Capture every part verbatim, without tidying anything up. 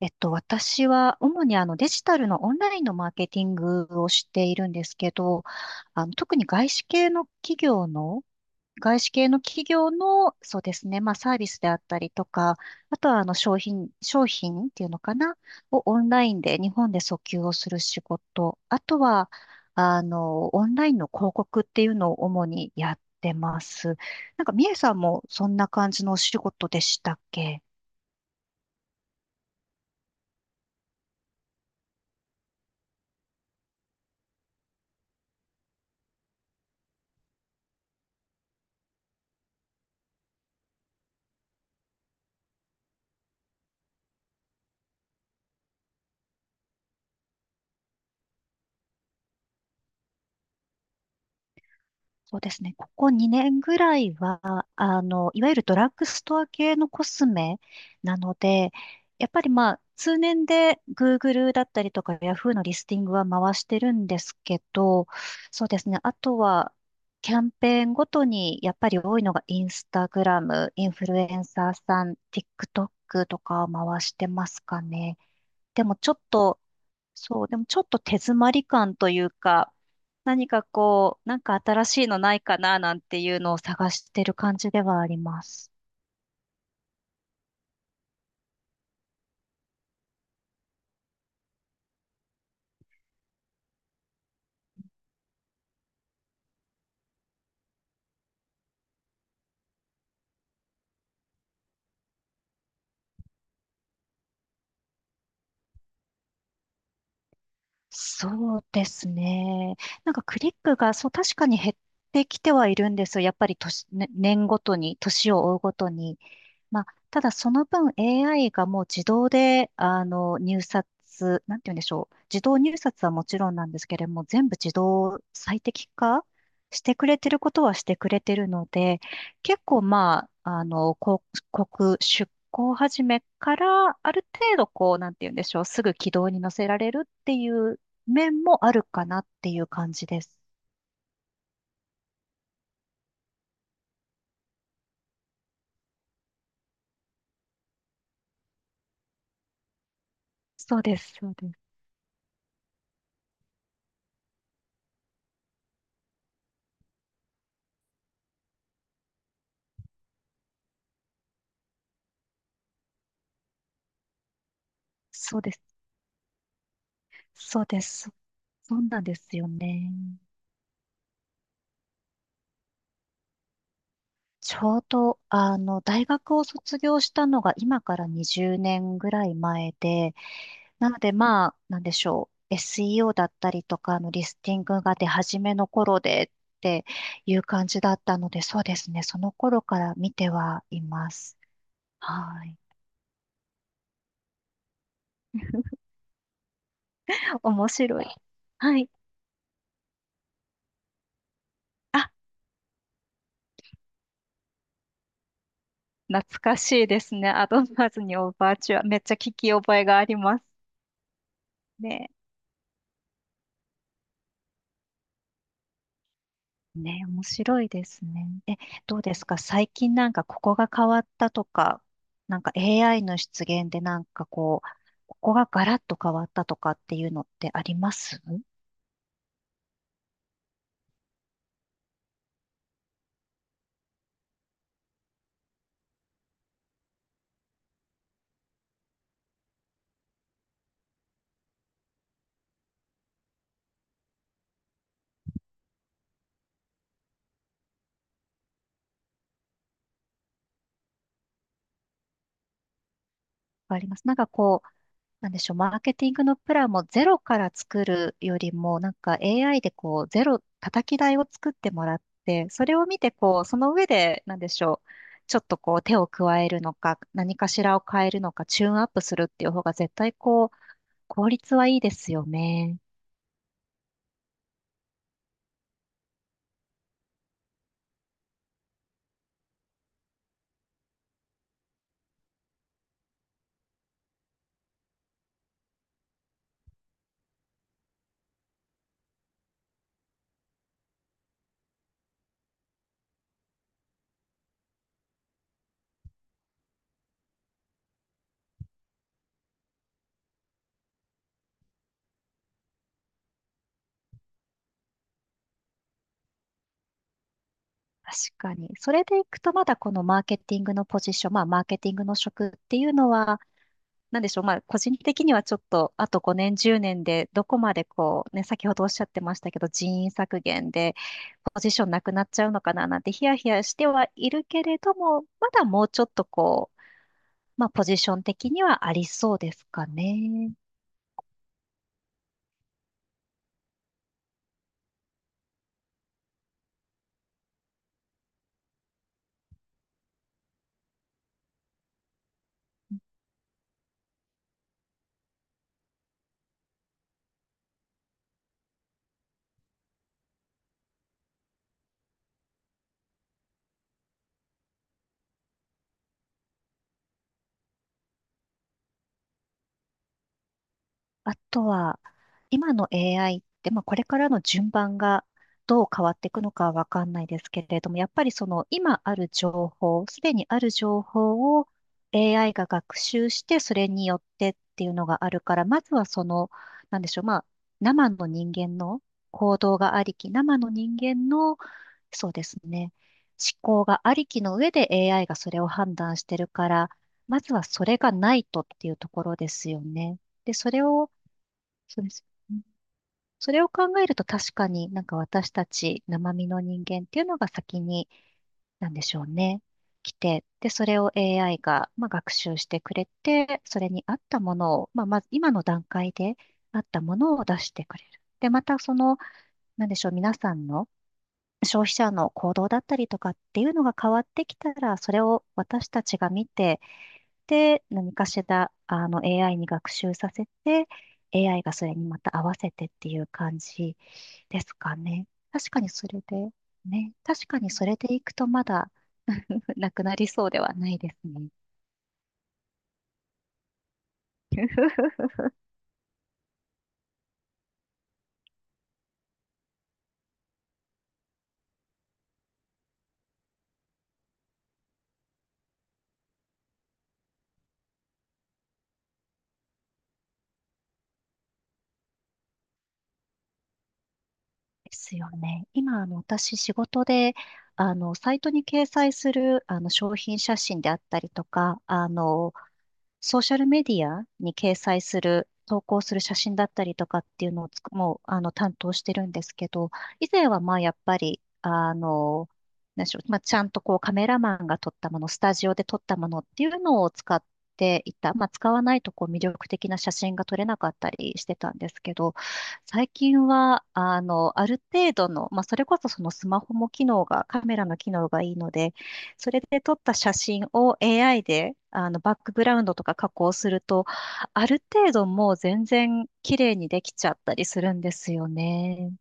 えっと、私は主にあのデジタルのオンラインのマーケティングをしているんですけど、あの特に外資系の企業の、外資系の企業の、そうですね、まあサービスであったりとか、あとはあの商品、商品っていうのかな、をオンラインで日本で訴求をする仕事、あとは、あの、オンラインの広告っていうのを主にやってます。なんか、みえさんもそんな感じのお仕事でしたっけ。そうですね。ここにねんぐらいは、あの、いわゆるドラッグストア系のコスメなので、やっぱりまあ、通年で Google だったりとか Yahoo のリスティングは回してるんですけど、そうですね。あとは、キャンペーンごとにやっぱり多いのがインスタグラム、インフルエンサーさん、TikTok とかを回してますかね。でもちょっと、そう、でもちょっと手詰まり感というか、何かこう、なんか新しいのないかななんていうのを探してる感じではあります。そうですね。なんかクリックが、そう、確かに減ってきてはいるんですよ。やっぱり年、ね年ごとに、年を追うごとに。まあ、ただその分 エーアイ がもう自動で、あの、入札、なんて言うんでしょう。自動入札はもちろんなんですけれども、全部自動最適化してくれてることはしてくれてるので、結構まあ、あの、広告出稿始めから、ある程度こう、なんて言うんでしょう。すぐ軌道に乗せられるっていう面もあるかなっていう感じです。そうです、そうです、そうです、そうです。そうなんですよね。ちょうど、あの、大学を卒業したのが今からにじゅうねんぐらい前で、なので、まあ、なんでしょう。エスイーオー だったりとか、あの、リスティングが出始めの頃でっていう感じだったので、そうですね。その頃から見てはいます。はい。面白い。はい。あ、懐かしいですね。アドバンーズにオーバーチュア。めっちゃ聞き覚えがありますね。ね、面白いですね。え、どうですか最近なんかここが変わったとか、なんか エーアイ の出現でなんかこう、ここがガラッと変わったとかっていうのってあります。あります。なんかこう、なんでしょう、マーケティングのプランもゼロから作るよりも、なんか エーアイ でこう、ゼロ、叩き台を作ってもらって、それを見てこう、その上で、なんでしょう、ちょっとこう手を加えるのか、何かしらを変えるのか、チューンアップするっていう方が絶対こう、効率はいいですよね。確かに。それでいくと、まだこのマーケティングのポジション、まあ、マーケティングの職っていうのは、なんでしょう。まあ、個人的にはちょっと、あとごねん、じゅうねんで、どこまでこう、ね、先ほどおっしゃってましたけど、人員削減で、ポジションなくなっちゃうのかななんてヒヤヒヤしてはいるけれども、まだもうちょっとこう、まあ、ポジション的にはありそうですかね。あとは、今の エーアイ って、まあ、これからの順番がどう変わっていくのかはわかんないですけれども、やっぱりその今ある情報、すでにある情報を エーアイ が学習して、それによってっていうのがあるから、まずはその、なんでしょう、まあ、生の人間の行動がありき、生の人間の、そうですね、思考がありきの上で エーアイ がそれを判断してるから、まずはそれがないとっていうところですよね。で、それをそうですよね。それを考えると確かになんか私たち生身の人間っていうのが先に、なんでしょうね、来て、で、それを エーアイ が、まあ、学習してくれて、それに合ったものを、まあ、まず今の段階で合ったものを出してくれる。で、またその、なんでしょう、皆さんの消費者の行動だったりとかっていうのが変わってきたら、それを私たちが見て、て、何かしら、あの、エーアイ に学習させて、エーアイ がそれにまた合わせてっていう感じですかね。確かにそれで、ね、確かにそれでいくとまだ なくなりそうではないですね。ですよね。今、あの、私、仕事で、あの、サイトに掲載する、あの、商品写真であったりとか、あの、ソーシャルメディアに掲載する、投稿する写真だったりとかっていうのをつくもう、あの、担当してるんですけど、以前はまあ、やっぱり、あの、なんでしょう、まあ、ちゃんとこうカメラマンが撮ったもの、スタジオで撮ったものっていうのを使っていた。まあ、使わないとこう魅力的な写真が撮れなかったりしてたんですけど、最近は、あの、ある程度の、まあ、それこそそのスマホも機能が、カメラの機能がいいので、それで撮った写真を エーアイ であのバックグラウンドとか加工すると、ある程度もう全然綺麗にできちゃったりするんですよね。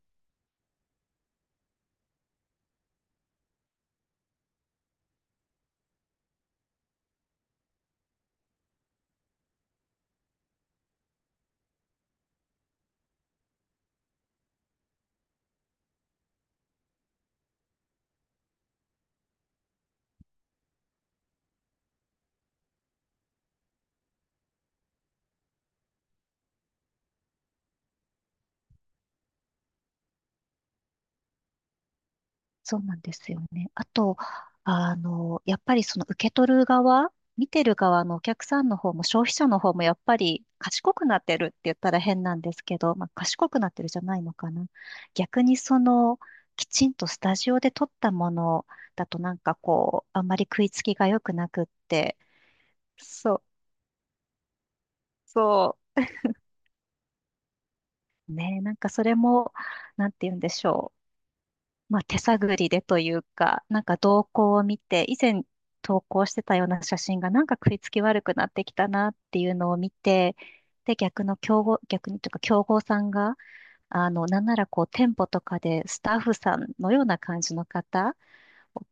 そうなんですよね。あと、あの、やっぱりその受け取る側、見てる側のお客さんの方も消費者の方もやっぱり賢くなってるって言ったら変なんですけど、まあ、賢くなってるじゃないのかな。逆にその、きちんとスタジオで撮ったものだとなんかこう、あんまり食いつきが良くなくって、そう、そう。ね、なんかそれも、なんて言うんでしょう。まあ手探りでというか、なんか動向を見て、以前投稿してたような写真がなんか食いつき悪くなってきたなっていうのを見て、で、逆の競合、逆にというか競合さんが、あの、なんならこう店舗とかでスタッフさんのような感じの方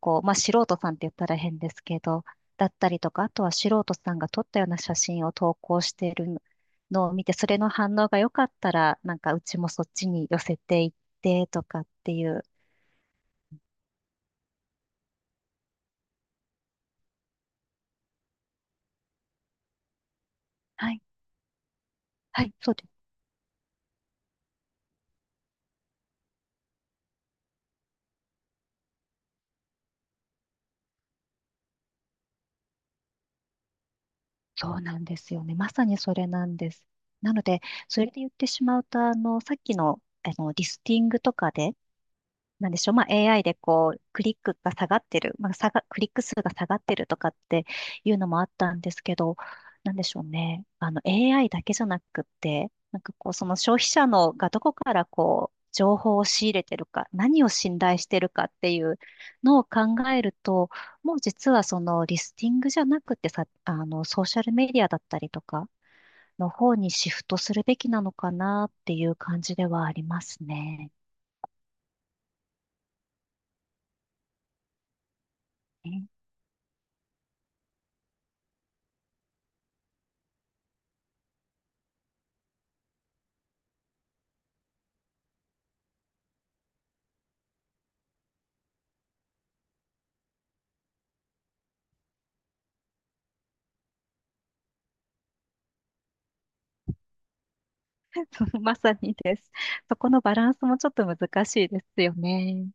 こう、まあ、素人さんって言ったら変ですけど、だったりとか、あとは素人さんが撮ったような写真を投稿してるのを見て、それの反応が良かったら、なんかうちもそっちに寄せていってとかっていう。はい、はい、そうです。そうなんですよね。まさにそれなんです。なので、それで言ってしまうと、あの、さっきの、あの、リスティングとかで、なんでしょう、まあ、エーアイ でこう、クリックが下がってる、まあ、下が、クリック数が下がってるとかっていうのもあったんですけど、なんでしょうね、あの、エーアイ だけじゃなくって、なんかこう、その消費者のがどこからこう、情報を仕入れてるか、何を信頼してるかっていうのを考えると、もう実はそのリスティングじゃなくてさ、あの、ソーシャルメディアだったりとかの方にシフトするべきなのかなっていう感じではありますね。まさにです。そこのバランスもちょっと難しいですよね。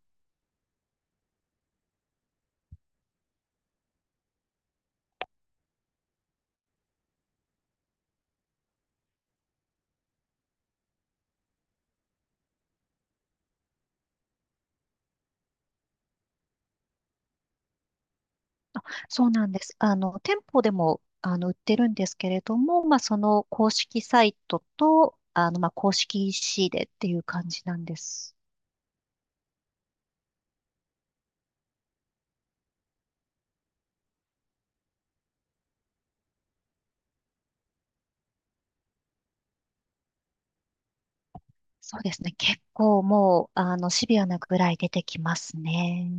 そうなんです。あの、店舗でも、あの、売ってるんですけれども、まあ、その公式サイトと、あの、まあ、公式 イーシー でっていう感じなんです。そうですね。結構もう、あの、シビアなぐらい出てきますね。